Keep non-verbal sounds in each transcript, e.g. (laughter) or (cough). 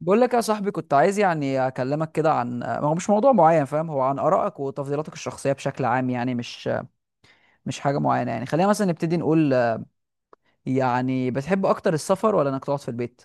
بقول لك يا صاحبي، كنت عايز يعني اكلمك كده عن ما هو مش موضوع معين، فاهم؟ هو عن ارائك وتفضيلاتك الشخصيه بشكل عام، يعني مش حاجه معينه. يعني خلينا مثلا نبتدي نقول، يعني بتحب اكتر السفر ولا انك تقعد في البيت؟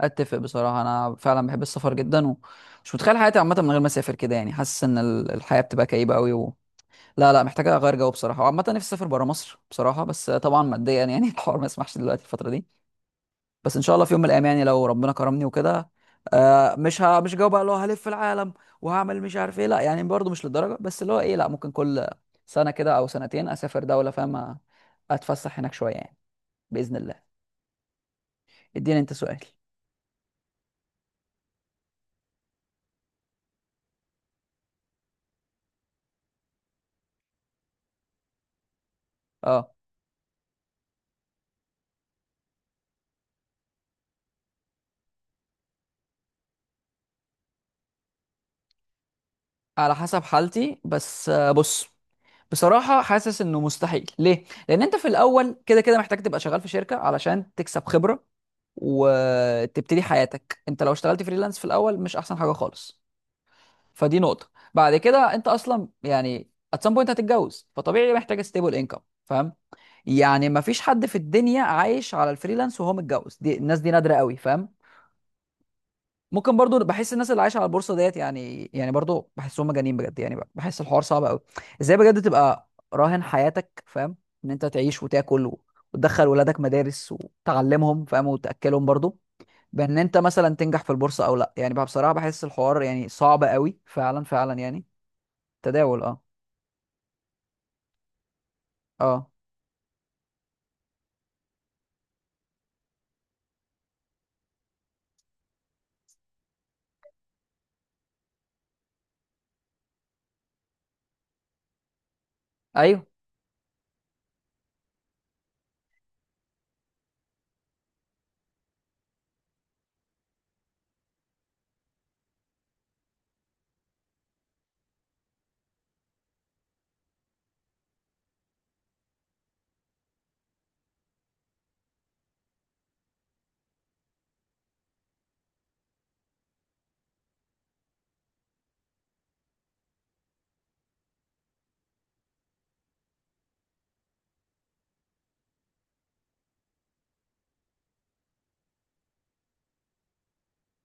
اتفق بصراحه، انا فعلا بحب السفر جدا، ومش متخيل حياتي عامه من غير ما اسافر كده. يعني حاسس ان الحياه بتبقى كئيبه قوي لا لا، محتاجه اغير جو بصراحه. وعامه نفسي اسافر بره مصر بصراحه، بس طبعا ماديا يعني (laughs) الحوار ما يسمحش دلوقتي الفتره دي. بس ان شاء الله في يوم من الايام، يعني لو ربنا كرمني وكده. آه، مش جاوب بقى اللي هو هلف العالم وهعمل مش عارف ايه. لا يعني برضه مش للدرجه، بس اللي هو ايه، لا ممكن كل سنه كده او سنتين اسافر دوله، فاهم؟ اتفسح هناك شويه يعني، باذن الله. اديني انت سؤال. اه، على حسب حالتي بس. بص، بصراحه حاسس انه مستحيل. ليه؟ لان انت في الاول كده كده محتاج تبقى شغال في شركه علشان تكسب خبره وتبتدي حياتك. انت لو اشتغلت فريلانس في الاول مش احسن حاجه خالص. فدي نقطة. بعد كده انت اصلا يعني at some point هتتجوز، فطبيعي محتاج stable income، فاهم؟ يعني مفيش حد في الدنيا عايش على الفريلانس وهو متجوز، دي الناس دي نادرة قوي، فاهم؟ ممكن برضو بحس الناس اللي عايشة على البورصة ديت، يعني يعني برضو بحسهم مجانين بجد، يعني بحس الحوار صعب قوي. ازاي بجد تبقى راهن حياتك، فاهم؟ ان انت تعيش وتاكل وتدخل ولادك مدارس وتعلمهم، فاهم؟ وتأكلهم برضو، بان انت مثلا تنجح في البورصة او لا. يعني بقى بصراحة بحس الحوار يعني صعب قوي، فعلا فعلا يعني. تداول، اه. اه. ايوه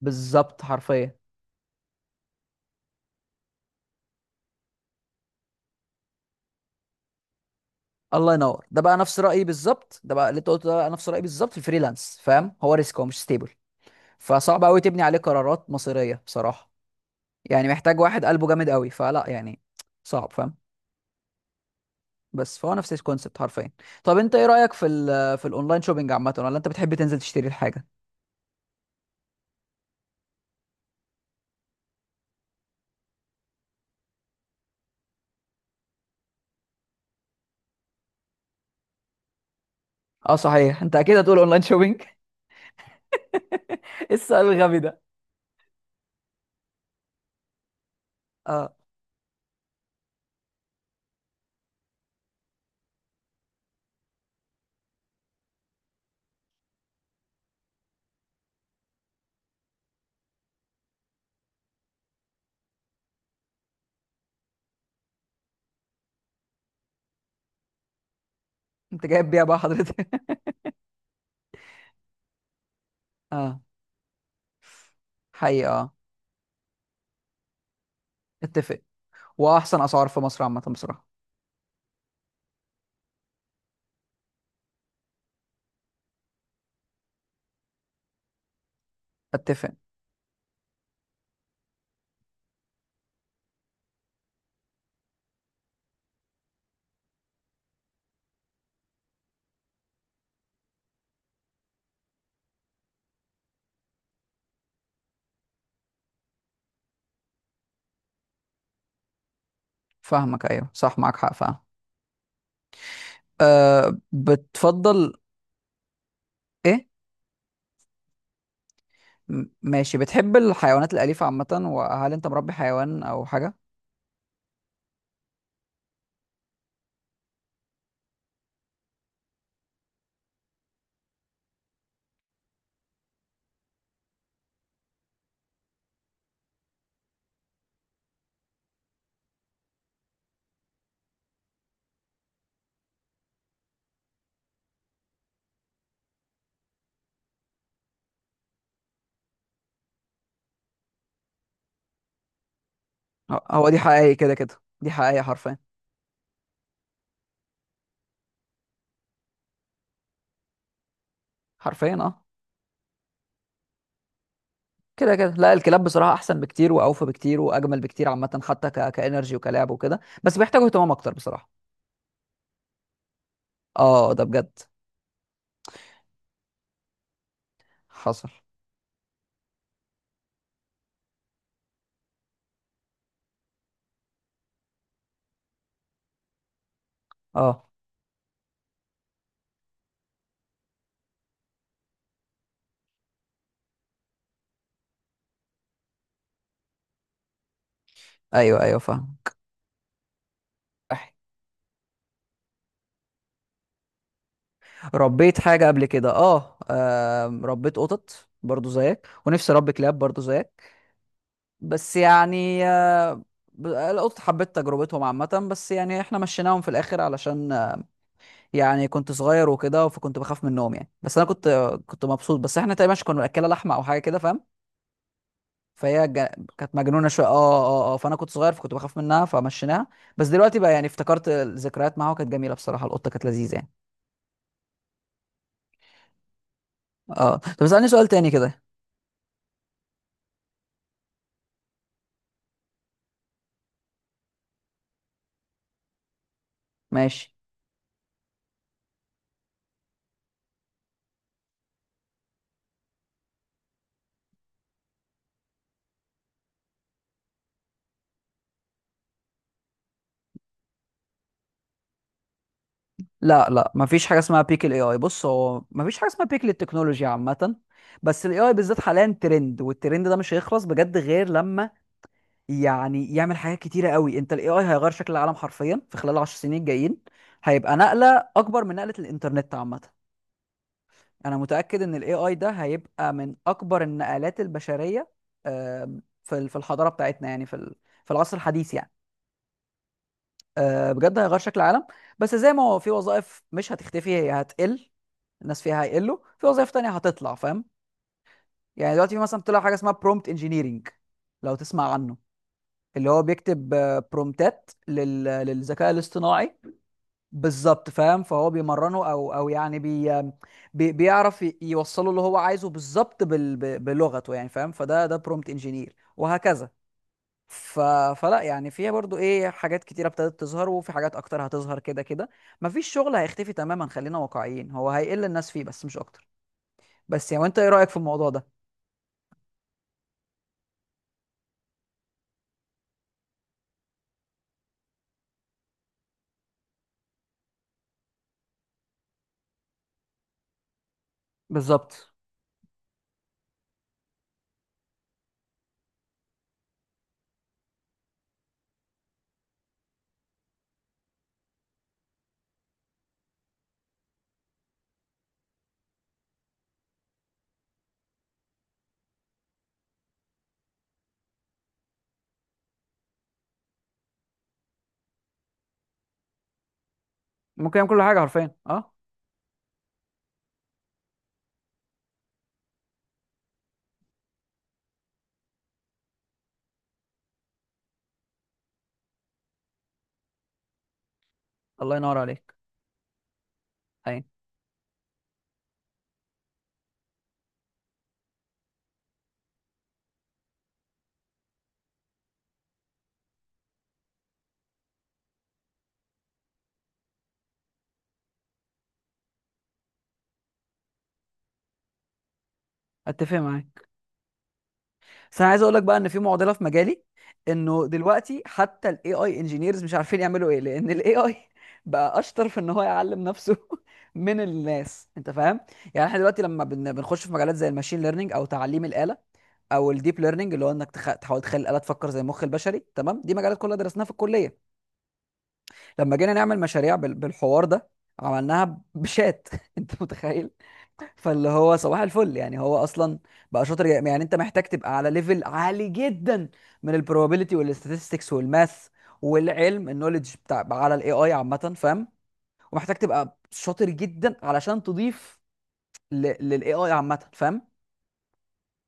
بالظبط حرفيا. الله ينور، ده بقى نفس رايي بالظبط. ده بقى اللي انت قلته ده بقى نفس رايي بالظبط في الفريلانس، فاهم؟ هو ريسك، هو مش ستيبل، فصعب قوي تبني عليه قرارات مصيريه بصراحه. يعني محتاج واحد قلبه جامد قوي، فلا يعني صعب، فاهم؟ بس فهو نفس الكونسبت حرفيا. طب انت ايه رايك في في الاونلاين شوبينج عامه، ولا انت بتحب تنزل تشتري الحاجه؟ اه صحيح، انت اكيد هتقول اونلاين شوبينج (laughs) ايه السؤال الغبي ده. اه، انت جايب بيها بقى حضرتك. (laughs) اه، حقيقه اه. اتفق. واحسن اسعار في مصر عامه بصراحه. اتفق. فاهمك، ايوه صح، معاك حق، فاهم. أه، بتفضل. ايه؟ ماشي، بتحب الحيوانات الاليفه عامه، وهل انت مربي حيوان او حاجه؟ آه، هو دي حقيقي، كده كده دي حقيقي حرفيا. حرفيا اه. كده كده، لا الكلاب بصراحه احسن بكتير واوفى بكتير واجمل بكتير عامه، حتى كانرجي وكلعب وكده، بس بيحتاجوا اهتمام اكتر بصراحه. اه ده بجد. حصل. اه. ايوه ايوه فاهم. ربيت حاجة قبل كده اه. آم، ربيت قطط برضو زيك، ونفسي اربي كلاب برضو زيك. بس يعني آه، القطط حبيت تجربتهم عامة. بس يعني احنا مشيناهم في الاخر علشان آه، يعني كنت صغير وكده، فكنت بخاف منهم يعني. بس انا كنت آه، كنت مبسوط. بس احنا تقريبا كنا بناكلها لحمة او حاجة كده، فاهم؟ فهي جا- كانت مجنونة شوية. اه اه اه، آه، فانا كنت صغير فكنت بخاف منها فمشيناها. بس دلوقتي بقى يعني افتكرت الذكريات معاها، وكانت جميلة بصراحة، القطة كانت لذيذة يعني. اه طب اسألني سؤال تاني كده. ماشي. لا لا، مفيش حاجه اسمها بيك الاي اي. بص هو مفيش حاجه اسمها بيك للتكنولوجيا عامه، بس الاي اي بالذات حاليا ترند، والترند ده مش هيخلص بجد غير لما يعني يعمل حاجات كتيره قوي. انت الاي اي هيغير شكل العالم حرفيا في خلال 10 سنين الجايين. هيبقى نقله اكبر من نقله الانترنت عامه. انا متاكد ان الاي اي ده هيبقى من اكبر النقلات البشريه، آم، في في الحضاره بتاعتنا، يعني في في العصر الحديث يعني. آه، بجد هيغير شكل العالم. بس زي ما هو، في وظائف مش هتختفي، هي هتقل الناس فيها، هيقلوا. في وظائف تانية هتطلع، فاهم؟ يعني دلوقتي في مثلا طلع حاجة اسمها برومبت انجينيرنج، لو تسمع عنه، اللي هو بيكتب آه، برومتات للذكاء الاصطناعي. بالظبط فاهم. فهو بيمرنه او او يعني بيعرف يوصله اللي هو عايزه بالظبط بلغته يعني، فاهم؟ فده ده برومبت انجينير وهكذا. ف... فلا يعني فيها برضو ايه، حاجات كتيرة ابتدت تظهر، وفي حاجات اكتر هتظهر كده كده. مفيش شغل هيختفي تماما، خلينا واقعيين، هو هيقل الناس فيه بس مش اكتر. بس يعني وانت ايه رأيك في الموضوع ده؟ بالظبط، ممكن يعمل كل حاجة حرفيا اه. الله ينور عليك. اي. اتفق معاك. بس انا عايز اقول لك بقى ان في معضلة في مجالي، انه دلوقتي حتى الاي اي انجينيرز مش عارفين يعملوا ايه، لان الاي اي (laughs) بقى اشطر في ان هو يعلم نفسه (laughs) من الناس، انت فاهم؟ يعني احنا دلوقتي لما بنخش في مجالات زي الماشين ليرنينج او تعليم الآلة، او الديب ليرنينج، اللي هو انك تحاول تخلي الآلة تفكر زي المخ البشري. تمام، دي مجالات كلها درسناها في الكلية. لما جينا نعمل مشاريع بالحوار ده، عملناها بشات (laughs) انت متخيل؟ فاللي هو صباح الفل يعني. هو اصلا بقى شاطر يعني انت محتاج تبقى على ليفل عالي جدا من البروبابيلتي والاستاتستكس والماث، والعلم النوليدج بتاع على الاي اي عامه، فاهم؟ ومحتاج تبقى شاطر جدا علشان تضيف للاي اي عامه، فاهم؟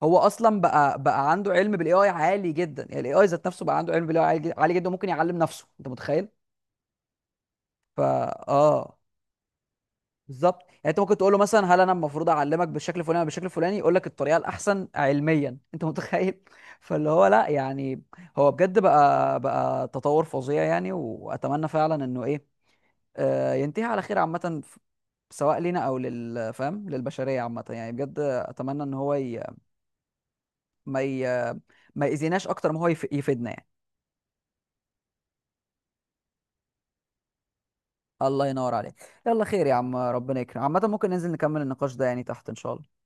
هو اصلا بقى عنده علم بالاي اي عالي جدا. يعني الاي اي ذات نفسه بقى عنده علم بالاي اي عالي جدا، وممكن يعلم نفسه، انت متخيل؟ اه بالظبط. يعني انت ممكن تقول له مثلا هل انا المفروض اعلمك بالشكل الفلاني ولا بالشكل الفلاني، يقول لك الطريقه الاحسن علميا، انت متخيل؟ (laughs) فاللي هو لا يعني، هو بجد بقى تطور فظيع يعني. واتمنى فعلا انه ايه، آه، ينتهي على خير عامه، سواء لينا او لل، فاهم؟ للبشريه عامه يعني، بجد اتمنى ان هو ما ي... ما يأذيناش اكتر ما هو يفيدنا يعني. الله ينور عليك. يلا خير يا عم، ربنا يكرم عامه. ممكن ننزل نكمل النقاش ده يعني تحت ان شاء الله.